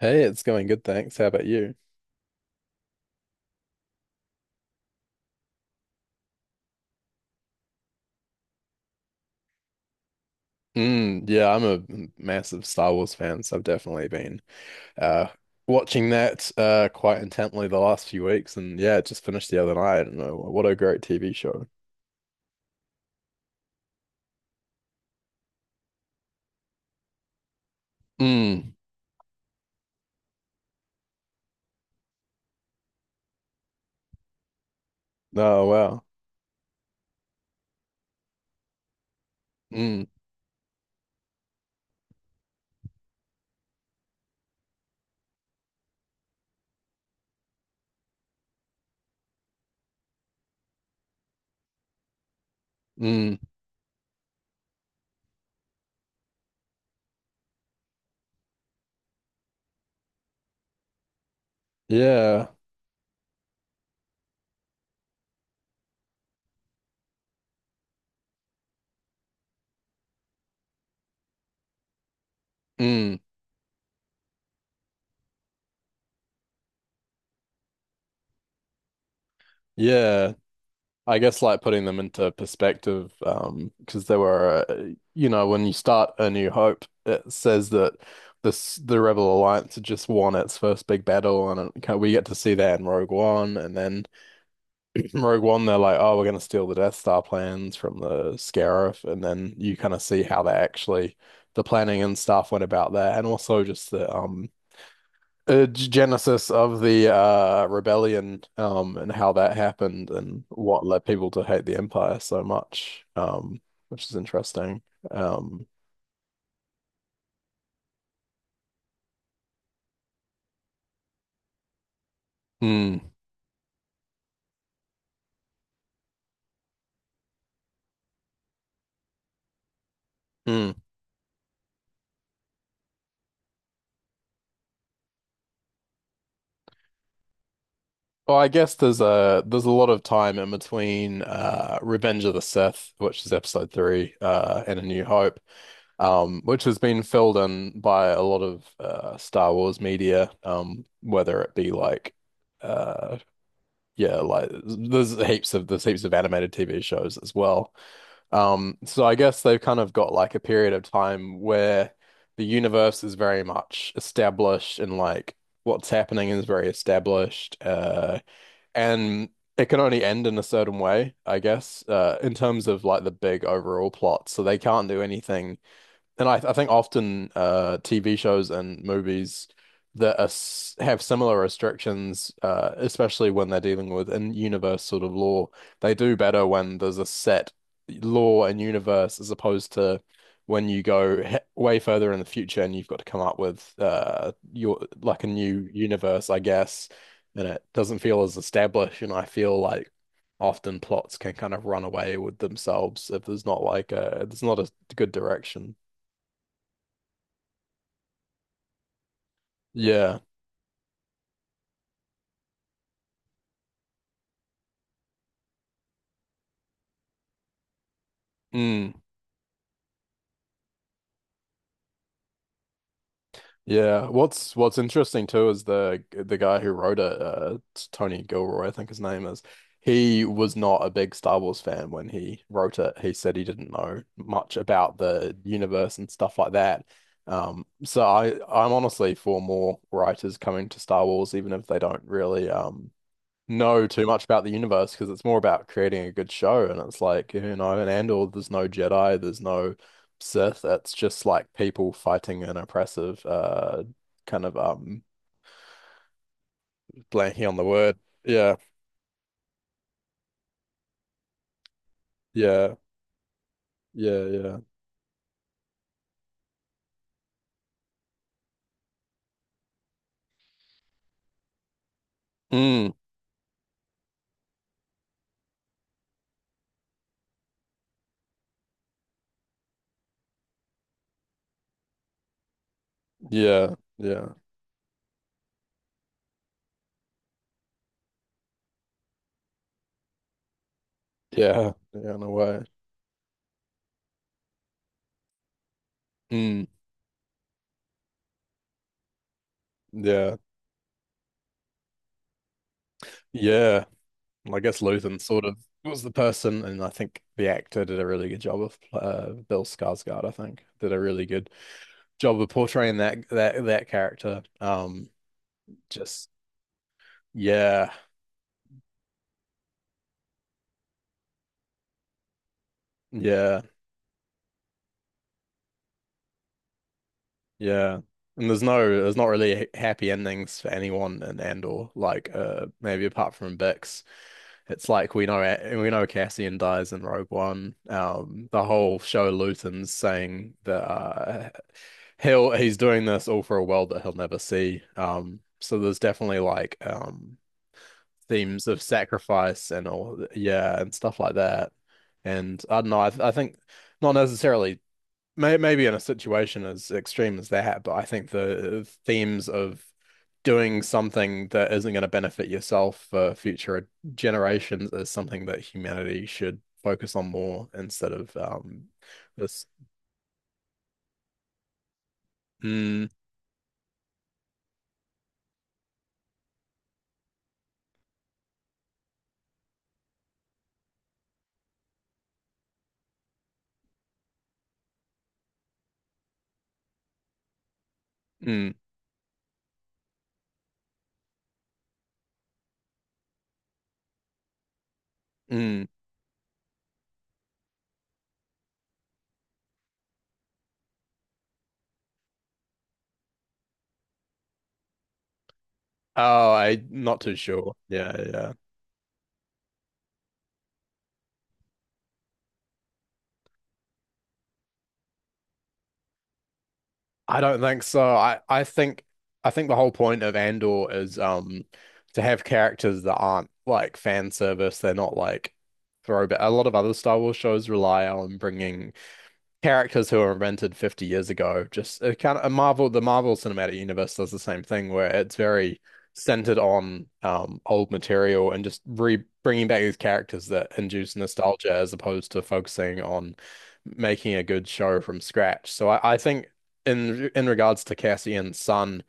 Hey, it's going good, thanks. How about you? Mm, yeah, I'm a massive Star Wars fan, so I've definitely been uh watching that quite intently the last few weeks and yeah, it just finished the other night. And what a great TV show. Mm. Oh wow. Mm. Mm. Yeah. Mm. Yeah. I guess like putting them into perspective, because they were, when you start A New Hope, it says that this the Rebel Alliance had just won its first big battle, and we get to see that in Rogue One, and then Rogue One they're like, oh, we're gonna steal the Death Star plans from the Scarif, and then you kind of see how they actually the planning and stuff went about that, and also just the genesis of the rebellion, and how that happened and what led people to hate the Empire so much, which is interesting. Um, hmm, hmm. Well, I guess there's a lot of time in between Revenge of the Sith, which is episode three, and A New Hope, which has been filled in by a lot of Star Wars media, whether it be like uh yeah, like there's heaps of animated TV shows as well. So I guess they've kind of got like a period of time where the universe is very much established and like what's happening is very established. And it can only end in a certain way, I guess, in terms of like the big overall plot. So they can't do anything and I think often TV shows and movies that are, have similar restrictions, especially when they're dealing with in-universe sort of law, they do better when there's a set law and universe as opposed to when you go he way further in the future and you've got to come up with your like a new universe, I guess, and it doesn't feel as established. And I feel like often plots can kind of run away with themselves if there's not like a there's not a good direction. Yeah. Mm. Yeah. What's interesting too is the guy who wrote it, it's Tony Gilroy, I think his name is. He was not a big Star Wars fan when he wrote it. He said he didn't know much about the universe and stuff like that. So I'm honestly for more writers coming to Star Wars, even if they don't really know too much about the universe because it's more about creating a good show. And it's like, in Andor, there's no Jedi, there's no Sith. It's just like people fighting an oppressive, kind of blanking on the word. Yeah, yeah, yeah, yeah. Mm, yeah, yeah, yeah, yeah, in a way. Mm, yeah, yeah. Well, I guess Luthen sort of was the person, and I think the actor did a really good job of Bill Skarsgård, I think, did a really good job of portraying that character. Just yeah, yeah, yeah. And there's not really happy endings for anyone in Andor. Like, maybe apart from Bix, it's like we know we know Cassian dies in Rogue One. The whole show Luton's saying that he's doing this all for a world that he'll never see. So there's definitely like themes of sacrifice and all, yeah, and stuff like that. And I don't know, I think not necessarily, maybe in a situation as extreme as that, but I think the themes of doing something that isn't going to benefit yourself for future generations is something that humanity should focus on more instead of this. Mm, mm, mm. Oh, I not too sure. Yeah, yeah. I don't think so. I think the whole point of Andor is to have characters that aren't like fan service. They're not like throwback. A lot of other Star Wars shows rely on bringing characters who were invented 50 years ago. Just it kind of a Marvel, the Marvel Cinematic Universe does the same thing where it's very centered on old material and just re bringing back these characters that induce nostalgia as opposed to focusing on making a good show from scratch. So I think in regards to Cassian's son,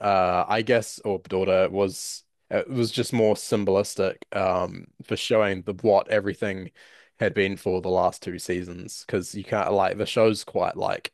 I guess Orb Daughter was it was just more symbolistic for showing the what everything had been for the last two seasons because you can't like the show's quite like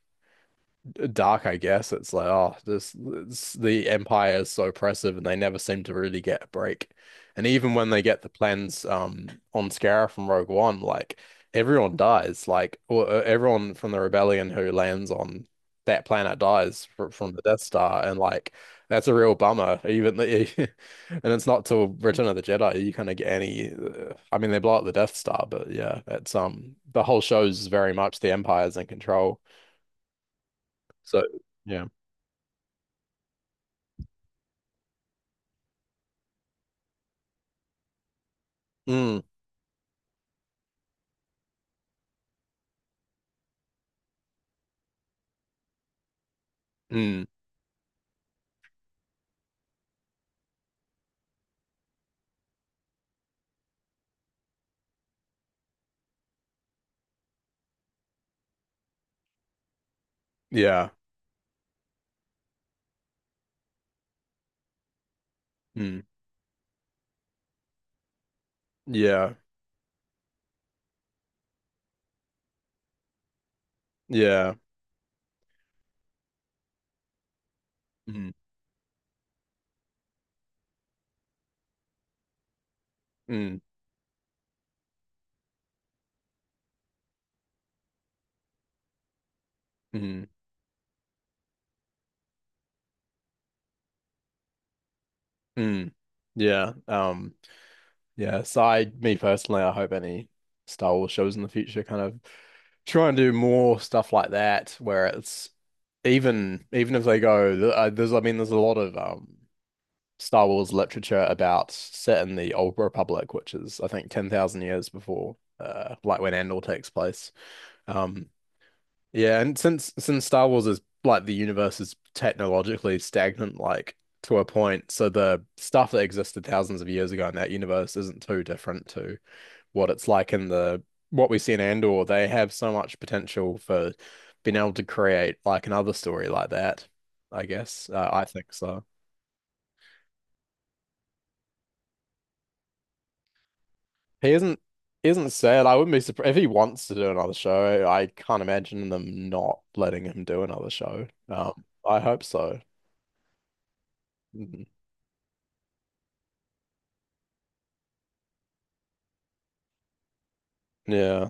dark, I guess. It's like, oh, this the Empire is so oppressive, and they never seem to really get a break. And even when they get the plans on Scarif from Rogue One, like everyone dies, like or, everyone from the rebellion who lands on that planet dies fr from the Death Star, and like that's a real bummer. Even the, and it's not till Return of the Jedi you kind of get any. I mean, they blow up the Death Star, but yeah, it's the whole show's very much the Empire's in control. So. Yeah. Mm, mm, yeah, mm, yeah, yeah, mm, mm, mm, mm, yeah. Yeah. So me personally, I hope any Star Wars shows in the future kind of try and do more stuff like that, where it's even if they go, I mean, there's a lot of Star Wars literature about set in the Old Republic, which is I think 10,000 years before, like when Andor takes place. Um, Yeah, and since Star Wars is like the universe is technologically stagnant, like to a point, so the stuff that existed thousands of years ago in that universe isn't too different to what it's like in the what we see in Andor. They have so much potential for being able to create like another story like that, I guess. I think so. He isn't he isn't sad. I wouldn't be surprised if he wants to do another show. I can't imagine them not letting him do another show. I hope so. Mhm. Yeah.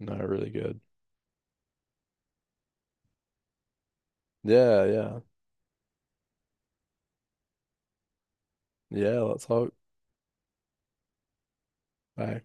No, really good. Yeah, yeah. Yeah, let's hope. Bye.